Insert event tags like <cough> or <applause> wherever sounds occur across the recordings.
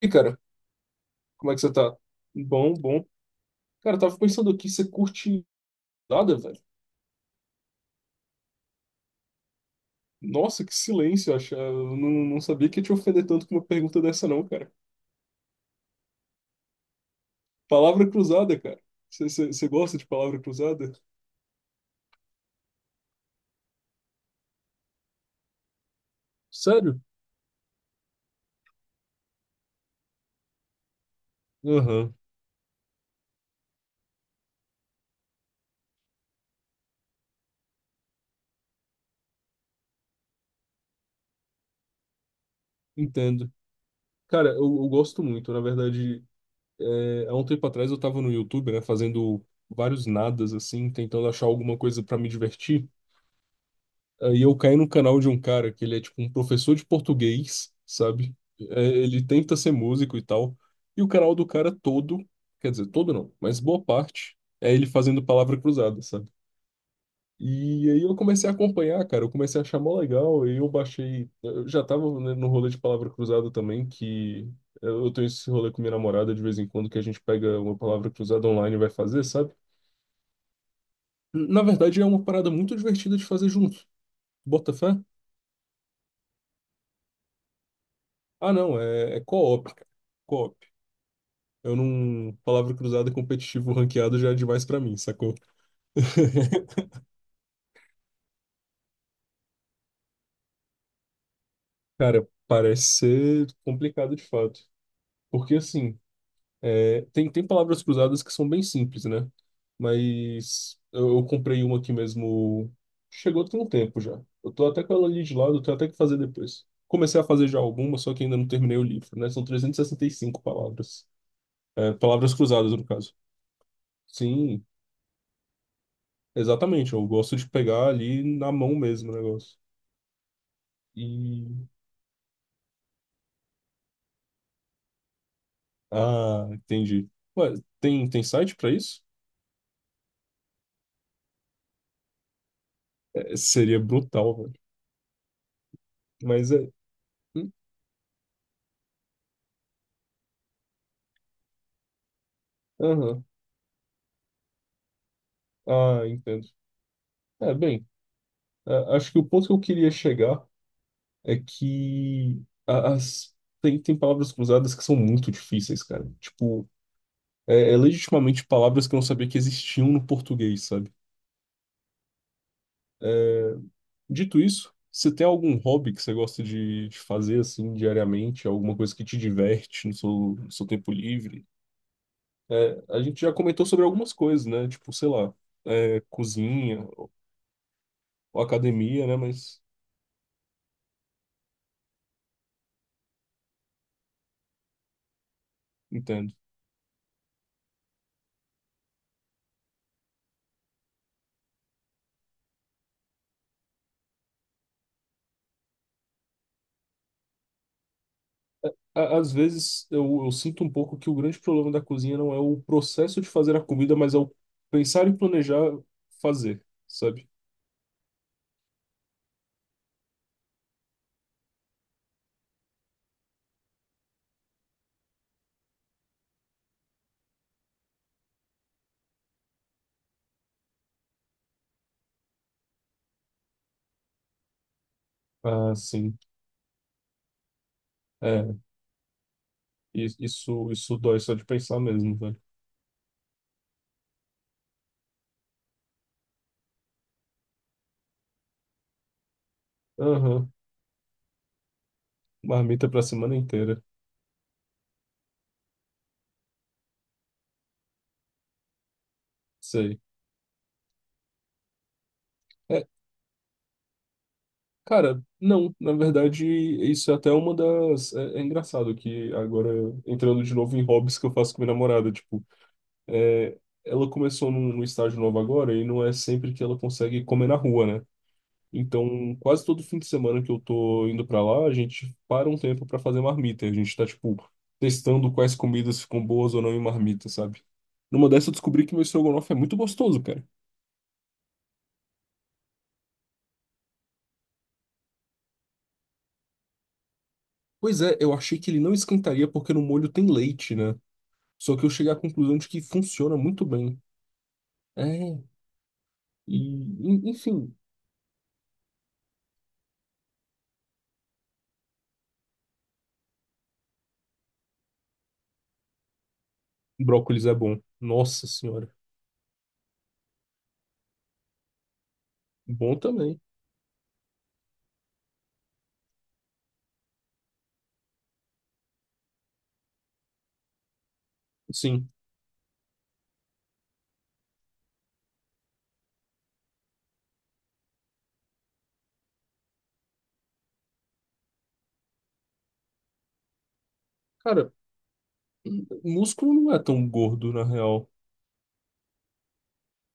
E cara, como é que você tá? Bom, bom. Cara, eu tava pensando aqui, você curte nada, velho? Nossa, que silêncio, eu acho. Eu não sabia que ia te ofender tanto com uma pergunta dessa, não, cara. Palavra cruzada, cara. Você gosta de palavra cruzada? Sério? Aham, entendo. Cara, eu gosto muito. Na verdade, há um tempo atrás eu tava no YouTube, né, fazendo vários nadas, assim, tentando achar alguma coisa pra me divertir. Aí eu caí no canal de um cara que ele é tipo um professor de português, sabe? Ele tenta ser músico e tal. E o canal do cara todo, quer dizer, todo não, mas boa parte, é ele fazendo palavra cruzada, sabe? E aí eu comecei a acompanhar, cara, eu comecei a achar mó legal, e eu baixei, eu já tava, né, no rolê de palavra cruzada também, que eu tenho esse rolê com minha namorada de vez em quando, que a gente pega uma palavra cruzada online e vai fazer, sabe? Na verdade é uma parada muito divertida de fazer junto. Bota fé? Ah, não, é co-op, cara. Co-op. Eu não. Palavra cruzada competitivo <laughs> ranqueado já é demais pra mim, sacou? <laughs> Cara, parece ser complicado de fato. Porque, assim, tem palavras cruzadas que são bem simples, né? Mas eu comprei uma aqui mesmo. Chegou tem um tempo já. Eu tô até com ela ali de lado, eu tenho até que fazer depois. Comecei a fazer já alguma, só que ainda não terminei o livro, né? São 65 palavras. É, palavras cruzadas, no caso. Sim. Exatamente, eu gosto de pegar ali na mão mesmo o negócio. E. Ah, entendi. Ué, tem site pra isso? É, seria brutal, velho. Mas é. hum, Aham. Ah, entendo. É, bem, acho que o ponto que eu queria chegar é que a- as, tem palavras cruzadas que são muito difíceis, cara. Tipo, é legitimamente palavras que eu não sabia que existiam no português, sabe? Dito isso, você tem algum hobby que você gosta de fazer assim diariamente? Alguma coisa que te diverte no seu, no seu tempo livre? É, a gente já comentou sobre algumas coisas, né? Tipo, sei lá, é, cozinha ou academia, né? Mas entendo. Às vezes eu sinto um pouco que o grande problema da cozinha não é o processo de fazer a comida, mas é o pensar e planejar fazer, sabe? Ah, sim. É, isso dói só de pensar mesmo, velho. Aham. Marmita pra semana inteira. Sei. É, cara, não, na verdade, isso é até uma das. É, é engraçado que agora, entrando de novo em hobbies que eu faço com minha namorada, tipo, é, ela começou num estágio novo agora e não é sempre que ela consegue comer na rua, né? Então, quase todo fim de semana que eu tô indo pra lá, a gente para um tempo pra fazer marmita. A gente tá, tipo, testando quais comidas ficam boas ou não em marmita, sabe? Numa dessa eu descobri que meu estrogonofe é muito gostoso, cara. Pois é, eu achei que ele não esquentaria porque no molho tem leite, né? Só que eu cheguei à conclusão de que funciona muito bem. É, e enfim, brócolis é bom. Nossa senhora. Bom também. Sim. Cara, músculo não é tão gordo, na real.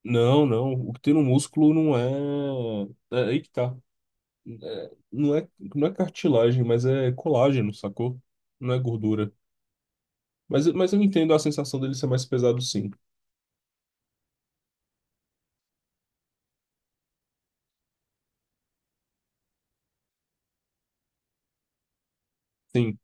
Não, não. O que tem no músculo não é. É aí que tá. É, não é, não é cartilagem, mas é colágeno, sacou? Não é gordura. Mas eu entendo a sensação dele ser mais pesado, sim. Sim.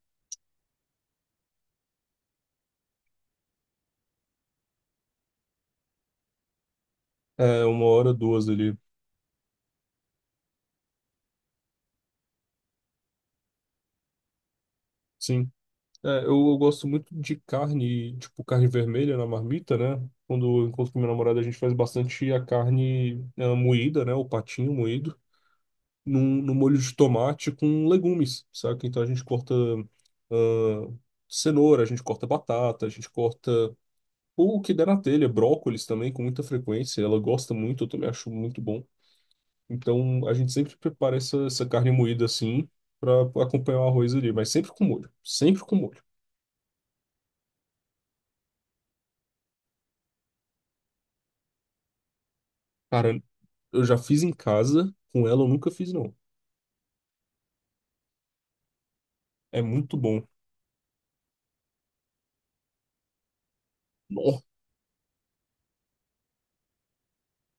É uma hora, duas ali. Sim. É, eu gosto muito de carne, tipo carne vermelha na marmita, né? Quando eu encontro com minha namorada, a gente faz bastante a carne moída, né? O patinho moído, num molho de tomate com legumes, saca? Então a gente corta ah, cenoura, a gente corta batata, a gente corta o que der na telha, brócolis também, com muita frequência. Ela gosta muito, eu também acho muito bom. Então a gente sempre prepara essa carne moída assim, pra acompanhar o arroz ali, mas sempre com molho, sempre com molho. Cara, eu já fiz em casa, com ela eu nunca fiz, não. É muito bom. Nó-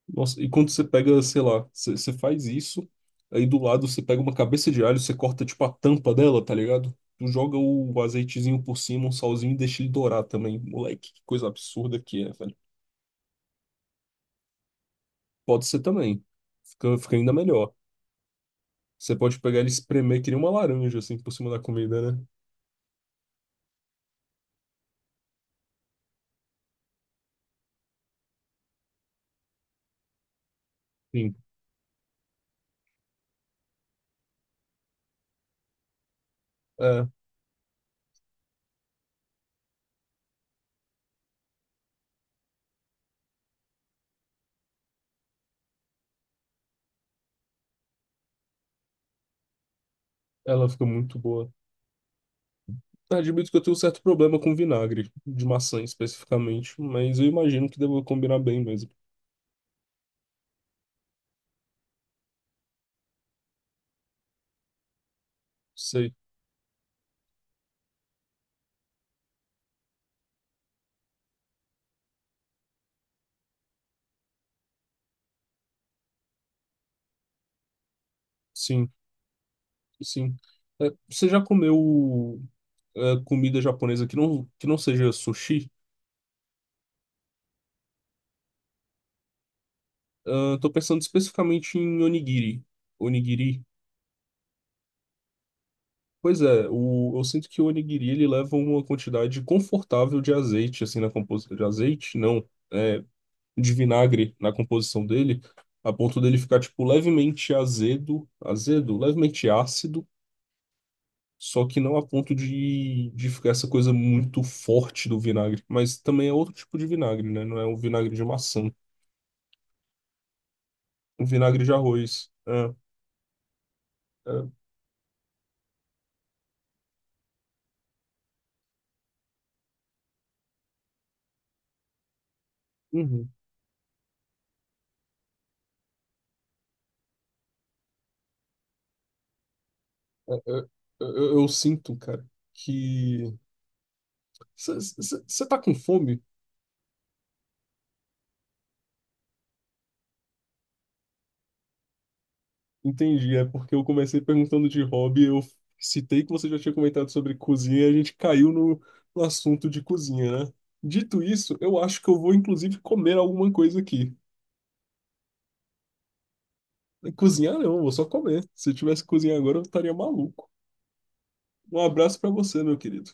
Nossa, e quando você pega, sei lá, você faz isso, aí do lado você pega uma cabeça de alho, você corta tipo a tampa dela, tá ligado? Tu joga o azeitezinho por cima, um salzinho e deixa ele dourar também. Moleque, que coisa absurda que é, velho. Pode ser também. Fica, fica ainda melhor. Você pode pegar ele e espremer que nem uma laranja, assim, por cima da comida, né? Sim. É, ela fica muito boa. Admito que eu tenho um certo problema com vinagre, de maçã especificamente, mas eu imagino que deva combinar bem mesmo. Sei, sim, sim. É, você já comeu comida japonesa que não seja sushi? Ah, tô pensando especificamente em onigiri. Onigiri. Pois é, o, eu sinto que o onigiri ele leva uma quantidade confortável de azeite, assim, na composição de azeite, não. é, de vinagre na composição dele, a ponto dele ficar, tipo, levemente azedo, azedo, levemente ácido, só que não a ponto de ficar essa coisa muito forte do vinagre. Mas também é outro tipo de vinagre, né? Não é um vinagre de maçã, um vinagre de arroz. É, uhum. Eu, eu sinto, cara, que. Você tá com fome? Entendi, é porque eu comecei perguntando de hobby, eu citei que você já tinha comentado sobre cozinha e a gente caiu no, no assunto de cozinha, né? Dito isso, eu acho que eu vou inclusive comer alguma coisa aqui. Cozinhar não, eu vou só comer. Se eu tivesse que cozinhar agora, eu estaria maluco. Um abraço pra você, meu querido.